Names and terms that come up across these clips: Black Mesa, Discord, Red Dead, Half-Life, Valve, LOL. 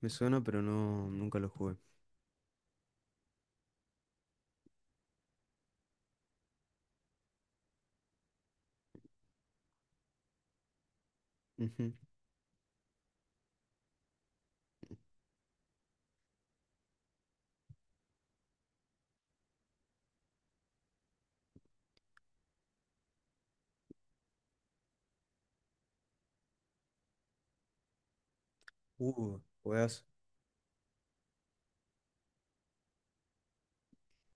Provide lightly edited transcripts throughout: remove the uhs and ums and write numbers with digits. Me suena, pero no, nunca lo jugué. Ujú. Juegazo.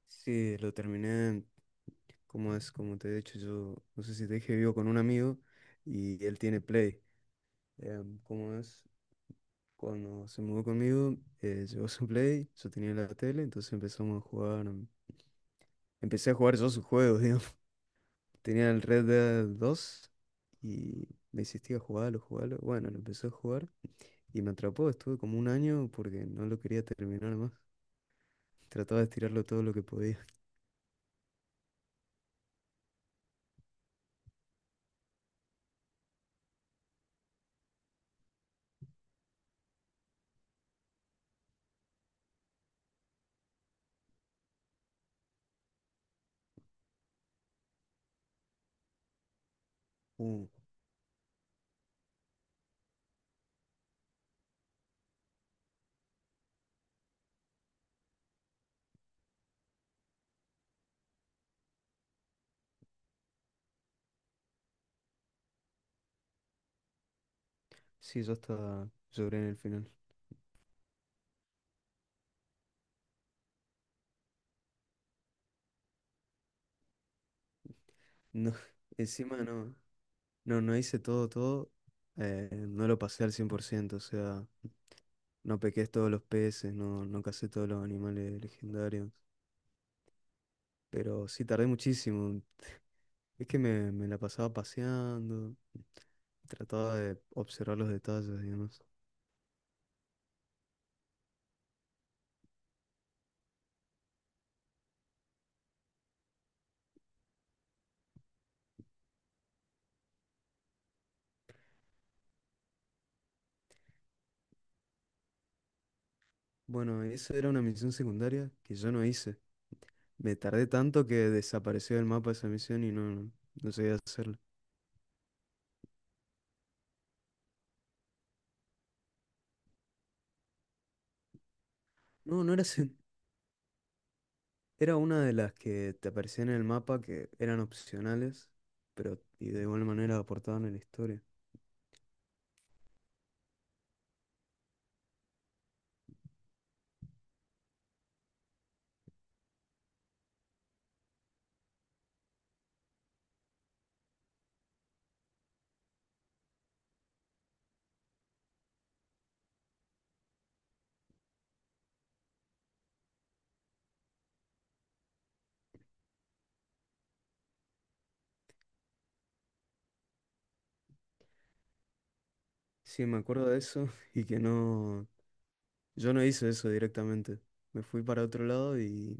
Sí, lo terminé, como es, como te he dicho, yo no sé si te dije, vivo con un amigo y él tiene Play. Como es, cuando se mudó conmigo, llevó su Play, yo tenía la tele, entonces empezamos a jugar. Empecé a jugar yo sus juegos, digamos. Tenía el Red Dead dos y me insistía, jugarlo, jugarlo. Bueno, lo empecé a jugar y me atrapó, estuve como un año porque no lo quería terminar más. Trataba de estirarlo todo lo que podía. Uh, sí, yo hasta lloré en el final. No, encima no, no hice todo, todo. No lo pasé al 100%, o sea, no pequé todos los peces, no cacé todos los animales legendarios. Pero sí tardé muchísimo. Es que me la pasaba paseando, trataba de observar los detalles, digamos. Bueno, esa era una misión secundaria que yo no hice. Me tardé tanto que desapareció del mapa esa misión y no no llegué a hacerla. No, no era, era una de las que te aparecían en el mapa que eran opcionales, pero y de igual manera aportaban a la historia. Sí, me acuerdo de eso y que no, yo no hice eso directamente. Me fui para otro lado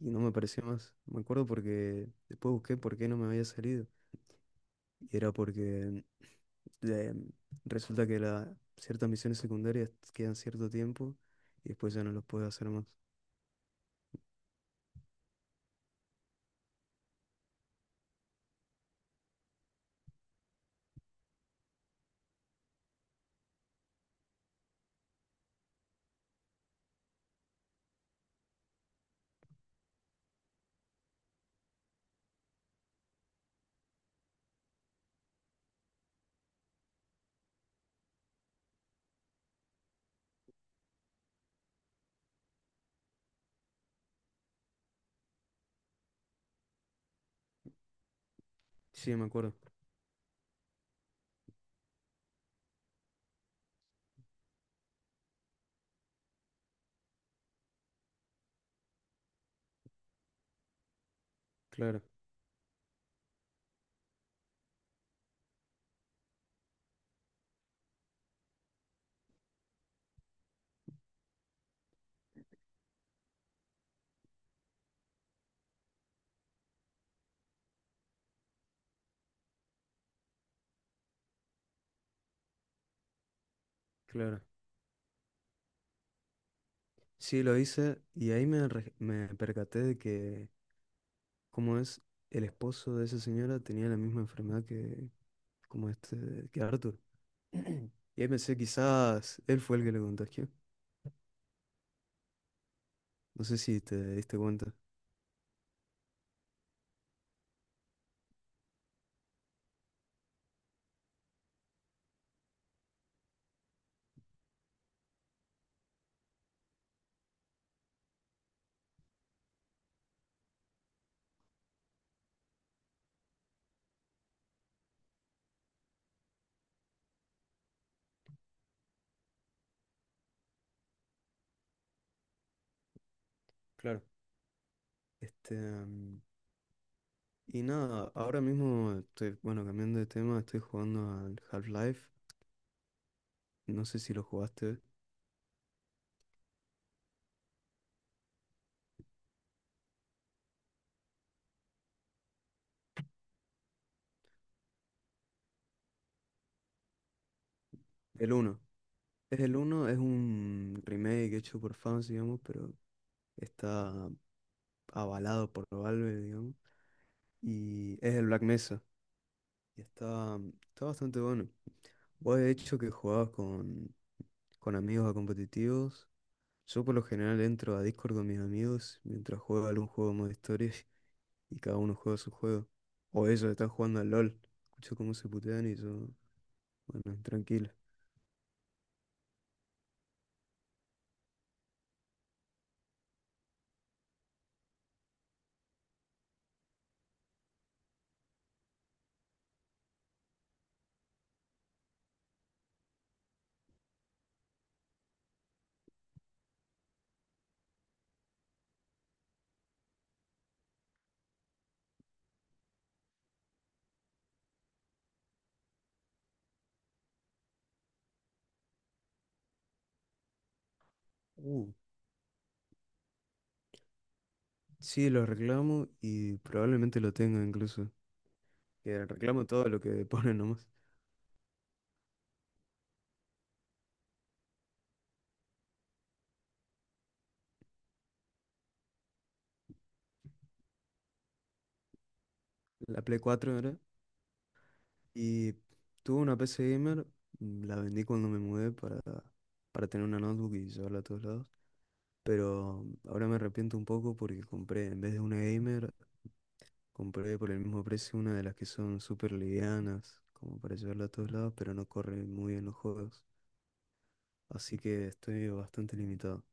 y no me apareció más. Me acuerdo porque después busqué por qué no me había salido. Y era porque eh, resulta que ciertas misiones secundarias quedan cierto tiempo y después ya no los puedes hacer más. Sí, me acuerdo. Claro, claro. Sí, lo hice y ahí me percaté de que, como es, el esposo de esa señora tenía la misma enfermedad que, como este, que Arthur. Y ahí pensé, quizás él fue el que le contagió. No sé si te diste cuenta. Claro. Este, mm, y nada, ahora mismo estoy, bueno, cambiando de tema, estoy jugando al Half-Life. No sé si lo jugaste. El uno. Es el uno, es un remake hecho por fans, digamos, pero está avalado por Valve, digamos. Y es el Black Mesa. Y está bastante bueno. Vos de hecho que jugabas con amigos a competitivos. Yo por lo general entro a Discord con mis amigos mientras juego algún juego de modo historia y cada uno juega su juego. O ellos están jugando al LOL. Escucho cómo se putean y yo, bueno, tranquilo. Uh, sí, lo reclamo y probablemente lo tenga incluso. Que reclamo todo lo que ponen nomás. La Play 4 era. Y tuve una PC gamer, mm, la vendí cuando me mudé para tener una notebook y llevarla a todos lados. Pero mm, ahora me arrepiento un poco porque compré, en vez de una gamer, compré por el mismo precio una de las que son súper livianas, como para llevarla a todos lados, pero no corre muy bien los juegos. Así que estoy bastante limitado.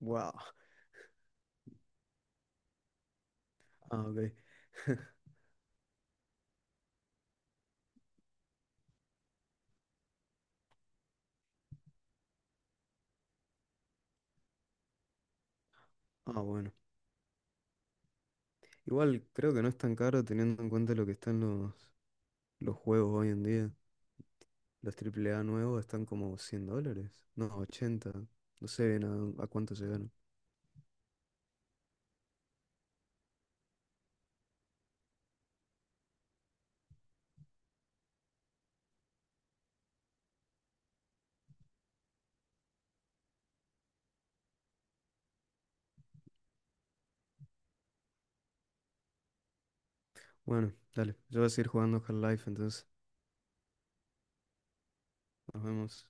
Wow. Ah, ok. Ah, bueno. Igual creo que no es tan caro teniendo en cuenta lo que están los juegos hoy en día. Los triple A nuevos están como $100. No, 80. No sé bien a cuánto se ganan. Bueno, dale. Yo voy a seguir jugando Half-Life, entonces nos vemos.